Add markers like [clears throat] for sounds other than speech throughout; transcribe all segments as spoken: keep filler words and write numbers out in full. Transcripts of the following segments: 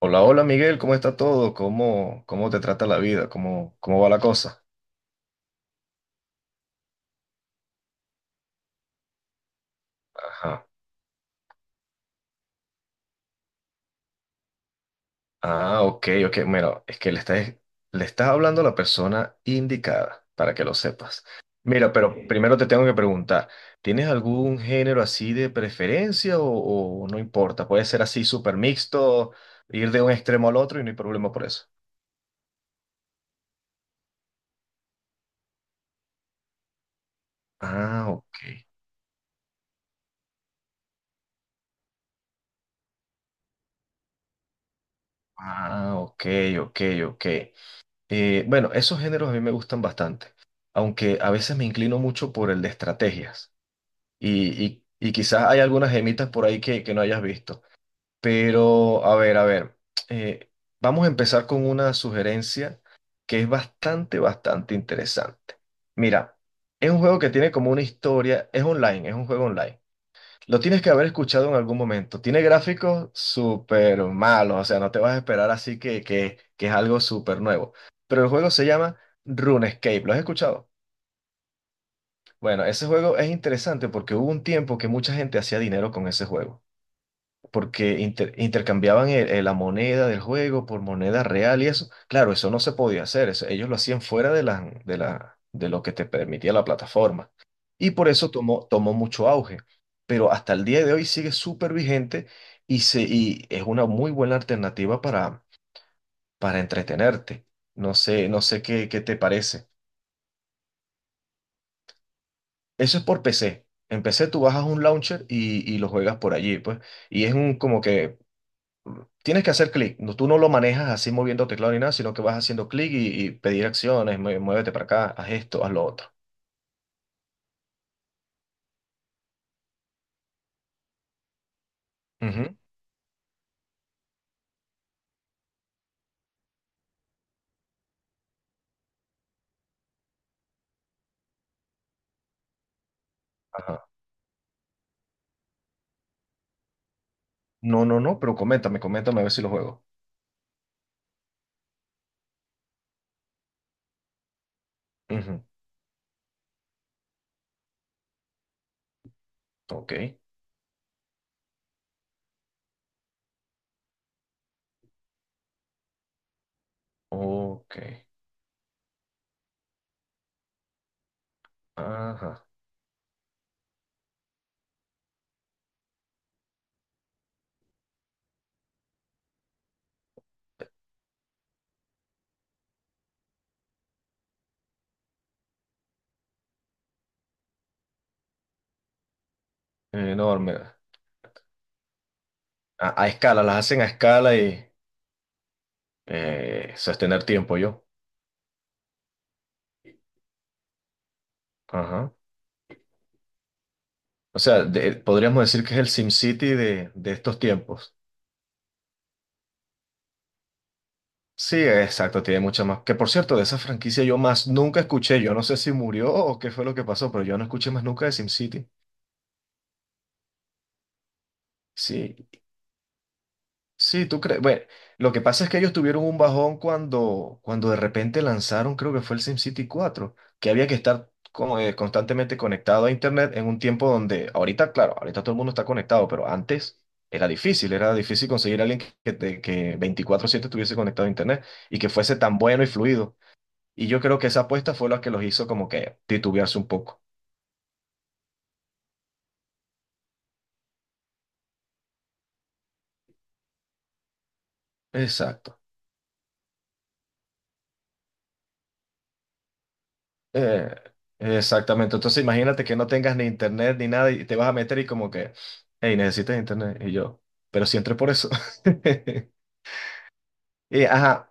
Hola, hola Miguel, ¿cómo está todo? ¿Cómo, cómo te trata la vida? ¿Cómo, cómo va la cosa? Ajá. Ah, ok, ok. Mira, es que le estás, le estás hablando a la persona indicada, para que lo sepas. Mira, pero primero te tengo que preguntar, ¿tienes algún género así de preferencia o, o no importa? Puede ser así súper mixto, ir de un extremo al otro y no hay problema por eso. Ah, ok. Ah, ok, ok, ok. Eh, bueno, esos géneros a mí me gustan bastante, aunque a veces me inclino mucho por el de estrategias y, y- y quizás hay algunas gemitas por ahí que, que no hayas visto. Pero, a ver, a ver, eh, vamos a empezar con una sugerencia que es bastante, bastante interesante. Mira, es un juego que tiene como una historia, es online, es un juego online. Lo tienes que haber escuchado en algún momento. Tiene gráficos súper malos, o sea, no te vas a esperar así que, que, que es algo súper nuevo. Pero el juego se llama RuneScape, ¿lo has escuchado? Bueno, ese juego es interesante porque hubo un tiempo que mucha gente hacía dinero con ese juego porque inter- intercambiaban el- el- la moneda del juego por moneda real y eso. Claro, eso no se podía hacer, eso ellos lo hacían fuera de la, de la, de lo que te permitía la plataforma. Y por eso tomó, tomó mucho auge, pero hasta el día de hoy sigue súper vigente y, se, y es una muy buena alternativa para, para entretenerte. No sé, no sé qué, qué te parece. Eso es por P C. En P C tú bajas un launcher y, y lo juegas por allí, pues. Y es un como que tienes que hacer clic, no, tú no lo manejas así moviendo teclado ni nada, sino que vas haciendo clic y, y pedir acciones, mue- muévete para acá, haz esto, haz lo otro. Ujú, ajá. No, no, no, pero coméntame, coméntame a ver si lo juego. Ujú. Ok, ok, ajá. Enorme. A, a escala, las hacen a escala y eh, sostener tiempo yo. Ajá. O sea, de- podríamos decir que es el SimCity de, de estos tiempos. Sí, exacto, tiene mucha más. Que por cierto, de esa franquicia yo más nunca escuché. Yo no sé si murió o qué fue lo que pasó, pero yo no escuché más nunca de SimCity. Sí, sí, tú crees. Bueno, lo que pasa es que ellos tuvieron un bajón cuando, cuando de repente lanzaron, creo que fue el SimCity cuatro, que había que estar como, eh, constantemente conectado a Internet en un tiempo donde, ahorita, claro, ahorita todo el mundo está conectado, pero antes era difícil, era difícil conseguir a alguien que, que, te- que veinticuatro siete estuviese conectado a Internet y que fuese tan bueno y fluido. Y yo creo que esa apuesta fue la que los hizo como que titubearse un poco. Exacto. Eh, exactamente. Entonces imagínate que no tengas ni internet ni nada y te vas a meter y como que, hey, necesitas internet. Y yo, pero si entré por eso. [laughs] Y, ajá,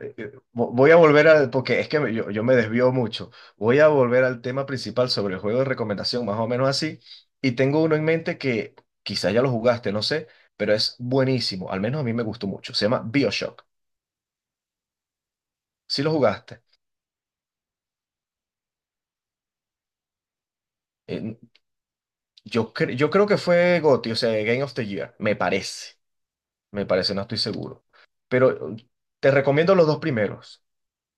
eh, eh, vo- voy a volver al, porque es que me- yo, yo me desvío mucho. Voy a volver al tema principal sobre el juego de recomendación, más o menos así. Y tengo uno en mente que quizá ya lo jugaste, no sé, pero es buenísimo. Al menos a mí me gustó mucho. Se llama BioShock. Si lo jugaste. Eh, Yo, cre- yo creo que fue GOTY, o sea, Game of the Year, me parece, me parece, no estoy seguro. Pero eh, te recomiendo los dos primeros.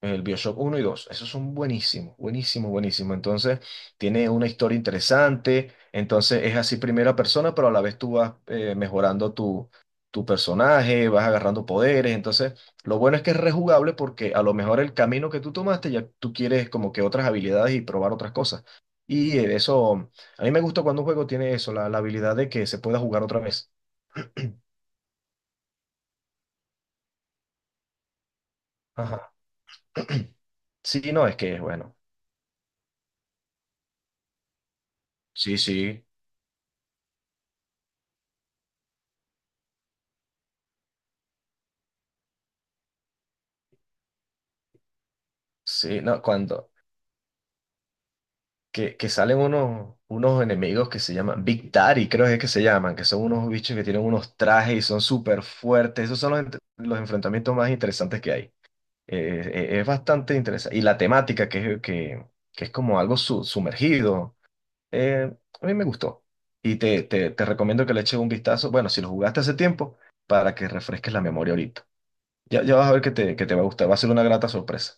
El BioShock uno y dos esos son buenísimos, buenísimos, buenísimos. Entonces, tiene una historia interesante. Entonces, es así primera persona, pero a la vez tú vas eh, mejorando tu, tu personaje, vas agarrando poderes. Entonces, lo bueno es que es rejugable porque a lo mejor el camino que tú tomaste ya tú quieres como que otras habilidades y probar otras cosas. Y eh, eso, a mí me gusta cuando un juego tiene eso, la, la habilidad de que se pueda jugar otra vez. Ajá. [clears throat] Sí, no, es que, es bueno, sí, sí, sí, no, cuando, que, que salen unos, unos enemigos que se llaman Big Daddy, creo que es que se llaman, que son unos bichos que tienen unos trajes y son súper fuertes. Esos son los, ent- los enfrentamientos más interesantes que hay. Eh, eh, es bastante interesante. Y la temática, que, es- que, que es como algo su- sumergido, eh, a mí me gustó. Y te, te, te recomiendo que le eches un vistazo, bueno, si lo jugaste hace tiempo, para que refresques la memoria ahorita. Ya, ya vas a ver que te, que te va a gustar, va a ser una grata sorpresa.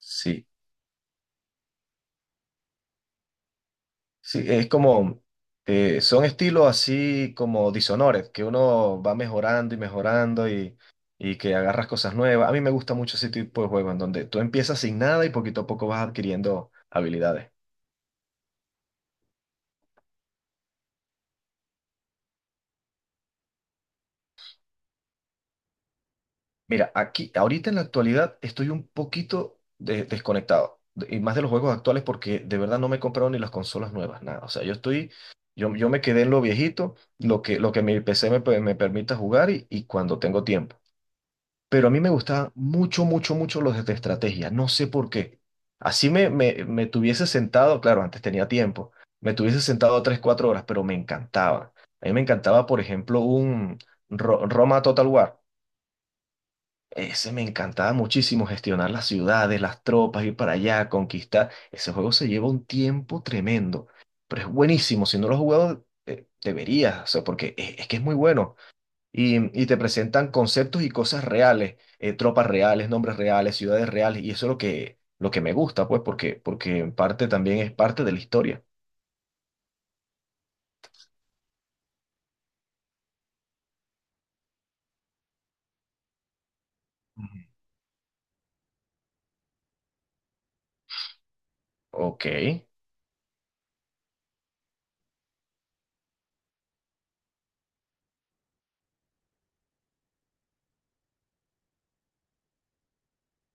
Sí. Sí, es como, eh, son estilos así como disonores, que uno va mejorando y mejorando y, y que agarras cosas nuevas. A mí me gusta mucho ese tipo de juego en donde tú empiezas sin nada y poquito a poco vas adquiriendo habilidades. Mira, aquí, ahorita en la actualidad estoy un poquito de- desconectado, de- y más de los juegos actuales porque de verdad no me he comprado ni las consolas nuevas, nada. O sea, yo estoy, yo, yo me quedé en lo viejito, lo que, lo que mi P C me, pe- me permita jugar y y cuando tengo tiempo. Pero a mí me gustaban mucho, mucho, mucho los de estrategia, no sé por qué. Así me, me, me tuviese sentado, claro, antes tenía tiempo, me tuviese sentado tres, cuatro horas, pero me encantaba. A mí me encantaba, por ejemplo, un Ro- Roma Total War. Ese me encantaba muchísimo, gestionar las ciudades, las tropas, ir para allá, conquistar. Ese juego se lleva un tiempo tremendo, pero es buenísimo. Si no lo has jugado, eh, deberías, o sea, porque es es que es muy bueno. Y, y te presentan conceptos y cosas reales, eh, tropas reales, nombres reales, ciudades reales, y eso es lo que, lo que me gusta, pues, porque, porque en parte también es parte de la historia. Ujú. Ok.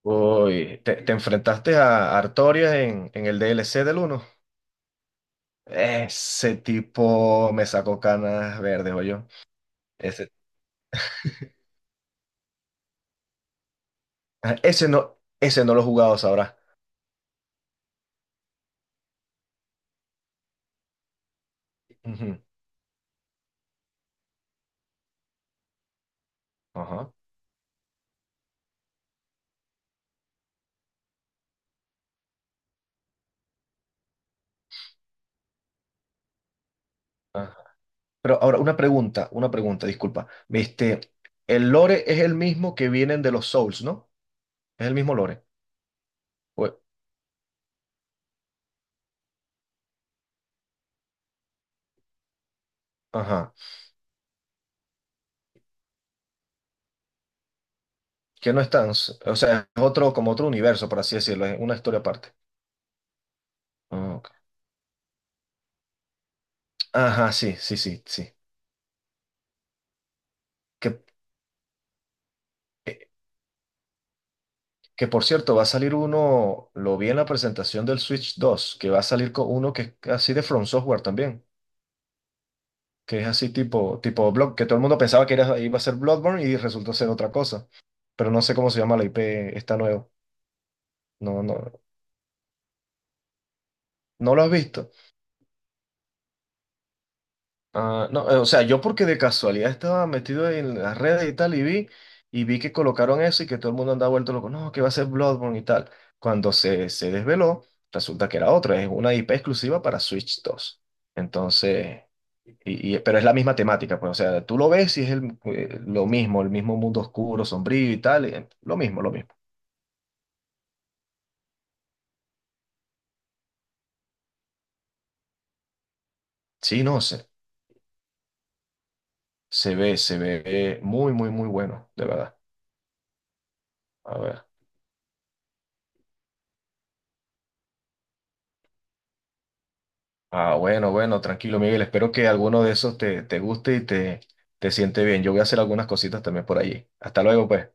Uy, te, te enfrentaste a Artorias en, en el D L C del uno. Ese tipo me sacó canas verdes, yo. Ese, [laughs] ese no, ese no lo he jugado, sabrá. Ujú. Ajá. Pero ahora una pregunta, una pregunta, disculpa. Este, el lore es el mismo que vienen de los Souls, ¿no? Es el mismo lore. O- ajá. Que no están, s- o sea, es otro, como otro universo, por así decirlo, es una historia aparte. Ah, ok. Ajá, sí, sí, sí, sí. Que, eh, que por cierto, va a salir uno, lo vi en la presentación del Switch dos que va a salir con uno que es así de From Software también, que es así tipo, tipo Blood, que todo el mundo pensaba que era, iba a ser Bloodborne y resultó ser otra cosa. Pero no sé cómo se llama la I P, está nueva. No, no, no lo has visto. Ah, no, eh, o sea, yo porque de casualidad estaba metido en las redes y tal y vi y vi que colocaron eso y que todo el mundo andaba vuelto loco, no, que va a ser Bloodborne y tal. Cuando se, se desveló, resulta que era otra, es una I P exclusiva para Switch dos. Entonces, y, y- pero es la misma temática, pues, o sea, tú lo ves y es el, eh, lo mismo, el mismo mundo oscuro, sombrío y tal, y, eh, lo mismo, lo mismo. Sí, no sé, se ve, se ve eh, muy, muy, muy bueno, de verdad. A ver. Ah, bueno, bueno, tranquilo, Miguel. Espero que alguno de esos te, te guste y te, te siente bien. Yo voy a hacer algunas cositas también por allí. Hasta luego, pues.